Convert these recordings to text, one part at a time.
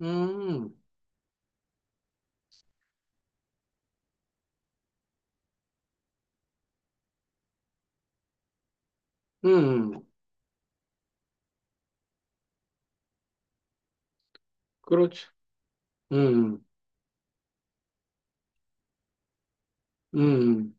음, 음, 그렇죠. 음, 음.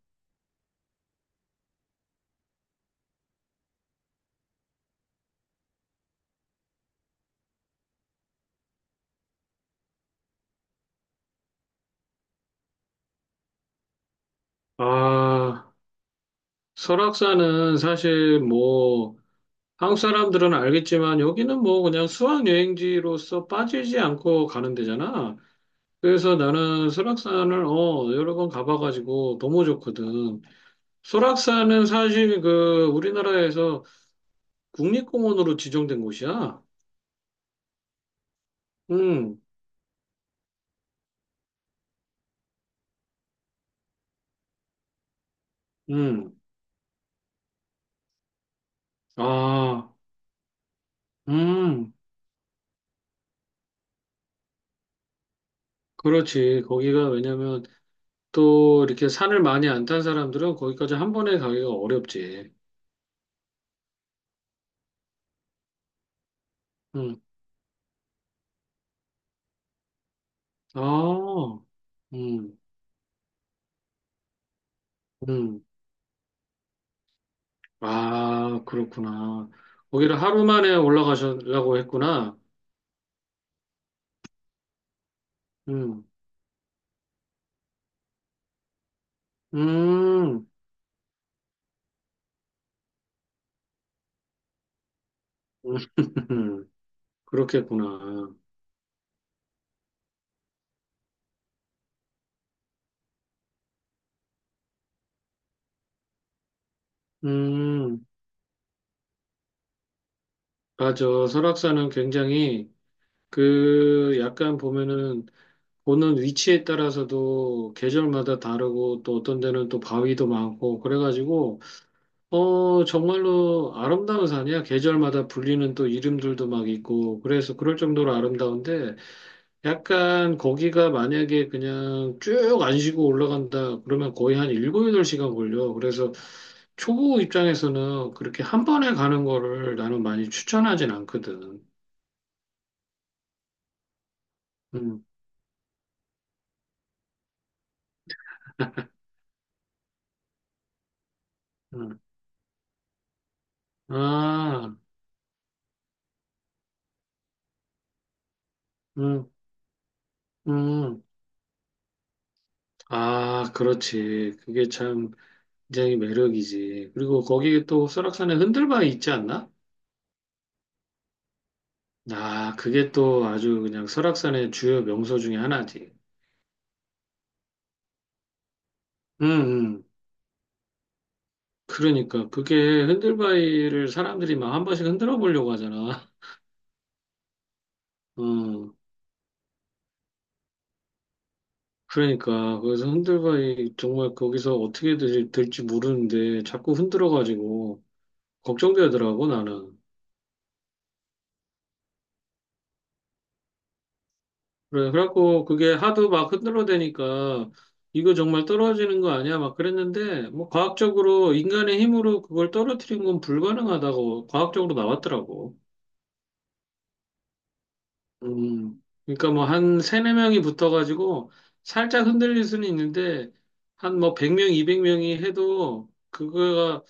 아, 설악산은 사실 뭐, 한국 사람들은 알겠지만 여기는 뭐 그냥 수학여행지로서 빠지지 않고 가는 데잖아. 그래서 나는 설악산을 어, 여러 번 가봐가지고 너무 좋거든. 설악산은 사실 그 우리나라에서 국립공원으로 지정된 곳이야. 음, 음. 아, 음. 그렇지. 거기가 왜냐면 또 이렇게 산을 많이 안 탄 사람들은 거기까지 한 번에 가기가 어렵지. 응. 아, 음, 음. 아, 그렇구나. 거기를 하루 만에 올라가려고 했구나. 음, 음, 음. 그렇겠구나. 음, 맞아. 설악산은 굉장히 그 약간 보면은 보는 위치에 따라서도 계절마다 다르고 또 어떤 데는 또 바위도 많고 그래가지고 어, 정말로 아름다운 산이야. 계절마다 불리는 또 이름들도 막 있고, 그래서 그럴 정도로 아름다운데, 약간 거기가 만약에 그냥 쭉 안 쉬고 올라간다, 그러면 거의 한 7, 8시간 걸려. 그래서 초보 입장에서는 그렇게 한 번에 가는 거를 나는 많이 추천하진 않거든. 음, 음. 아, 음, 음. 아, 그렇지. 그게 참 굉장히 매력이지. 그리고 거기에 또 설악산에 흔들바위 있지 않나? 아, 그게 또 아주 그냥 설악산의 주요 명소 중에 하나지. 음, 음. 그러니까 그게 흔들바위를 사람들이 막 한 번씩 흔들어 보려고 하잖아. 음. 그러니까 그래서 흔들바위 정말 거기서 어떻게 될지 모르는데 자꾸 흔들어 가지고 걱정되더라고 나는. 그래 그래갖고 그게 하도 막 흔들어 대니까 이거 정말 떨어지는 거 아니야? 막 그랬는데 뭐 과학적으로 인간의 힘으로 그걸 떨어뜨린 건 불가능하다고 과학적으로 나왔더라고. 그러니까 뭐 한 세네 명이 붙어가지고 살짝 흔들릴 수는 있는데 한 뭐 100명, 200명이 해도 그거가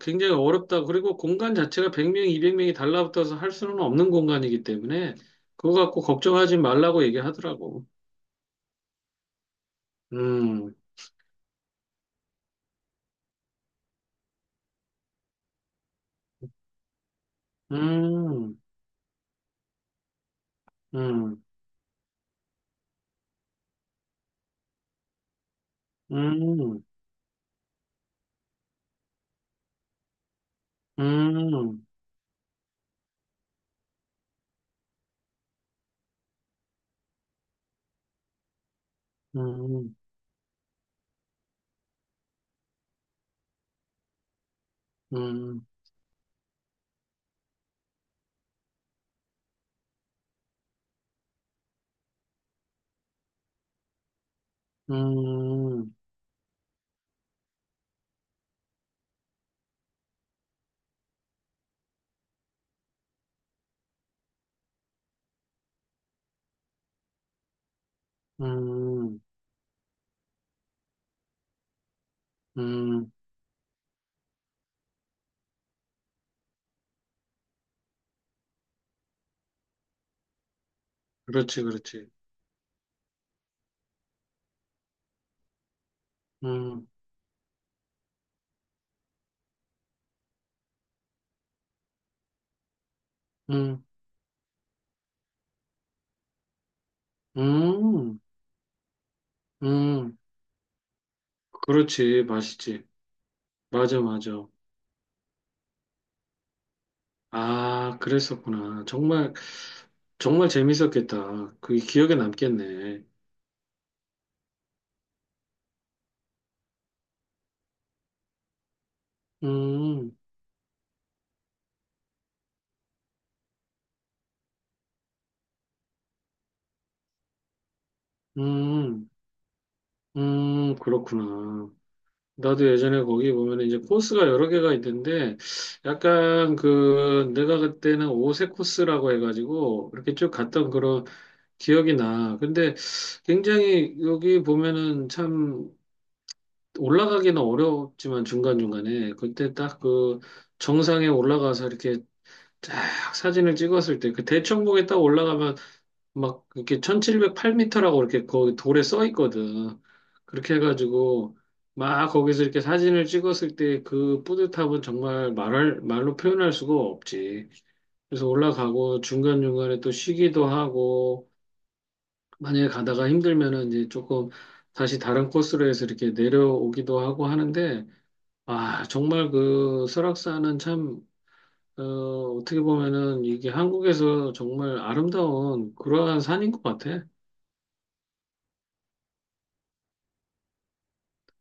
굉장히 어렵다. 그리고 공간 자체가 100명, 200명이 달라붙어서 할 수는 없는 공간이기 때문에 그거 갖고 걱정하지 말라고 얘기하더라고. 음, 음, 음, 음, 음, 음, 음, 음, 음, 음, 음. 그렇지, 그렇지. 음, 음. 음. 음, 그렇지. 맛있지. 맞아, 맞아. 아, 그랬었구나. 정말, 정말 재밌었겠다. 그게 기억에 남겠네. 음, 음, 그렇구나. 나도 예전에 거기 보면 이제 코스가 여러 개가 있는데, 약간 그, 내가 그때는 오색 코스라고 해가지고, 이렇게 쭉 갔던 그런 기억이 나. 근데 굉장히 여기 보면은 참, 올라가기는 어렵지만 중간중간에 그때 딱 그 정상에 올라가서 이렇게 쫙 사진을 찍었을 때 그 대청봉에 딱 올라가면 막 이렇게 1,708m라고 이렇게 거기 돌에 써 있거든. 그렇게 해가지고 막 거기서 이렇게 사진을 찍었을 때 그 뿌듯함은 정말 말로 표현할 수가 없지. 그래서 올라가고 중간중간에 또 쉬기도 하고 만약에 가다가 힘들면은 이제 조금 다시 다른 코스로 해서 이렇게 내려오기도 하고 하는데 아, 정말 그 설악산은 참, 어, 어떻게 보면은 이게 한국에서 정말 아름다운 그러한 산인 것 같아.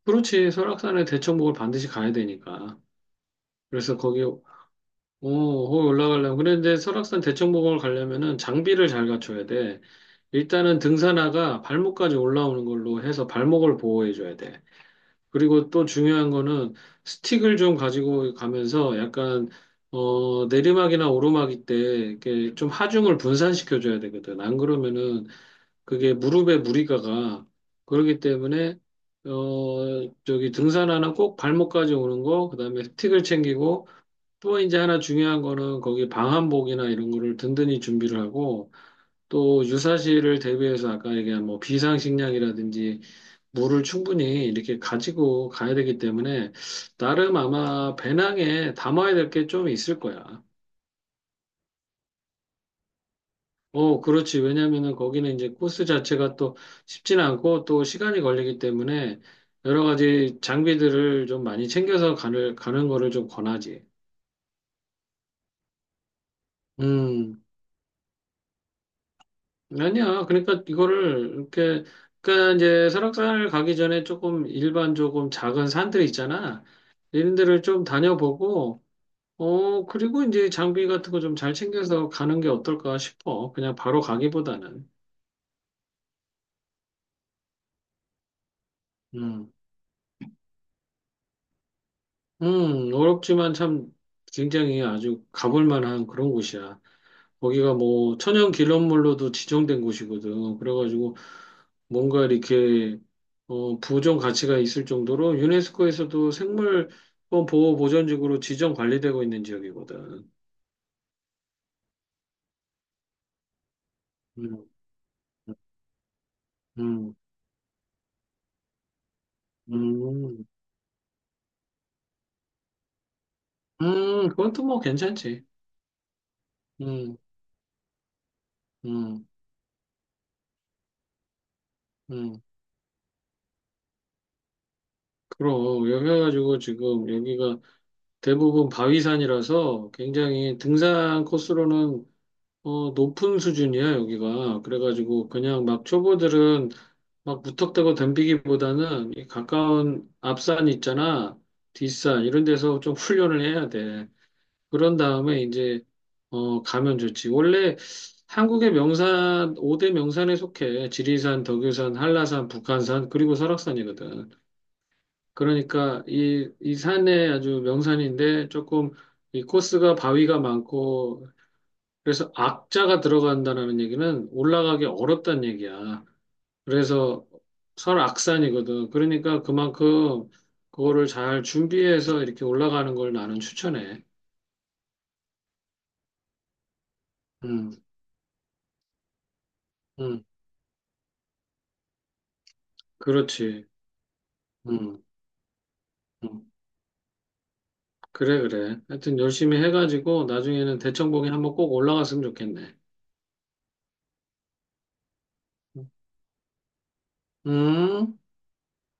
그렇지, 설악산에 대청봉을 반드시 가야 되니까. 그래서 거기, 어, 거기 올라가려면. 그런데 설악산 대청봉을 가려면은 장비를 잘 갖춰야 돼. 일단은 등산화가 발목까지 올라오는 걸로 해서 발목을 보호해줘야 돼. 그리고 또 중요한 거는 스틱을 좀 가지고 가면서 약간 어 내리막이나 오르막일 때 이렇게 좀 하중을 분산시켜 줘야 되거든. 안 그러면은 그게 무릎에 무리가 가. 그렇기 때문에 어 저기 등산화는 꼭 발목까지 오는 거, 그다음에 스틱을 챙기고 또 이제 하나 중요한 거는 거기 방한복이나 이런 거를 든든히 준비를 하고 또 유사시를 대비해서 아까 얘기한 뭐 비상식량이라든지 물을 충분히 이렇게 가지고 가야 되기 때문에 나름 아마 배낭에 담아야 될 게 좀 있을 거야. 어, 그렇지. 왜냐면은 거기는 이제 코스 자체가 또 쉽진 않고 또 시간이 걸리기 때문에 여러 가지 장비들을 좀 많이 챙겨서 가는 거를 좀 권하지. 음. 아니야. 그러니까 이거를 이렇게 그러니까 이제 설악산을 가기 전에 조금 일반 조금 작은 산들 있잖아. 이런 데를 좀 다녀보고 어 그리고 이제 장비 같은 거 좀 잘 챙겨서 가는 게 어떨까 싶어. 그냥 바로 가기보다는. 음. 어렵지만 참 굉장히 아주 가볼 만한 그런 곳이야. 거기가 뭐 천연 기념물로도 지정된 곳이거든. 그래가지고 뭔가 이렇게 어, 보존 가치가 있을 정도로 유네스코에서도 생물권 보호 보전지구로 지정 관리되고 있는 지역이거든. 음, 음, 음, 그건 또 뭐 괜찮지. 음, 음, 음. 그럼 여기 해가지고 지금 여기가 대부분 바위산이라서 굉장히 등산 코스로는 어, 높은 수준이야, 여기가. 그래가지고, 그냥 막 초보들은 막 무턱대고 덤비기보다는 이 가까운 앞산 있잖아, 뒷산, 이런 데서 좀 훈련을 해야 돼. 그런 다음에 이제, 어, 가면 좋지. 원래 한국의 명산, 5대 명산에 속해. 지리산, 덕유산, 한라산, 북한산, 그리고 설악산이거든. 그러니까 이, 이 산에 아주 명산인데 조금 이 코스가 바위가 많고 그래서 악자가 들어간다는 얘기는 올라가기 어렵다는 얘기야. 그래서 설악산이거든. 그러니까 그만큼 그거를 잘 준비해서 이렇게 올라가는 걸 나는 추천해. 음, 음, 그렇지. 음, 음. 그래, 그래. 하여튼 열심히 해가지고 나중에는 대청봉에 한번 꼭 올라갔으면 좋겠네. 음.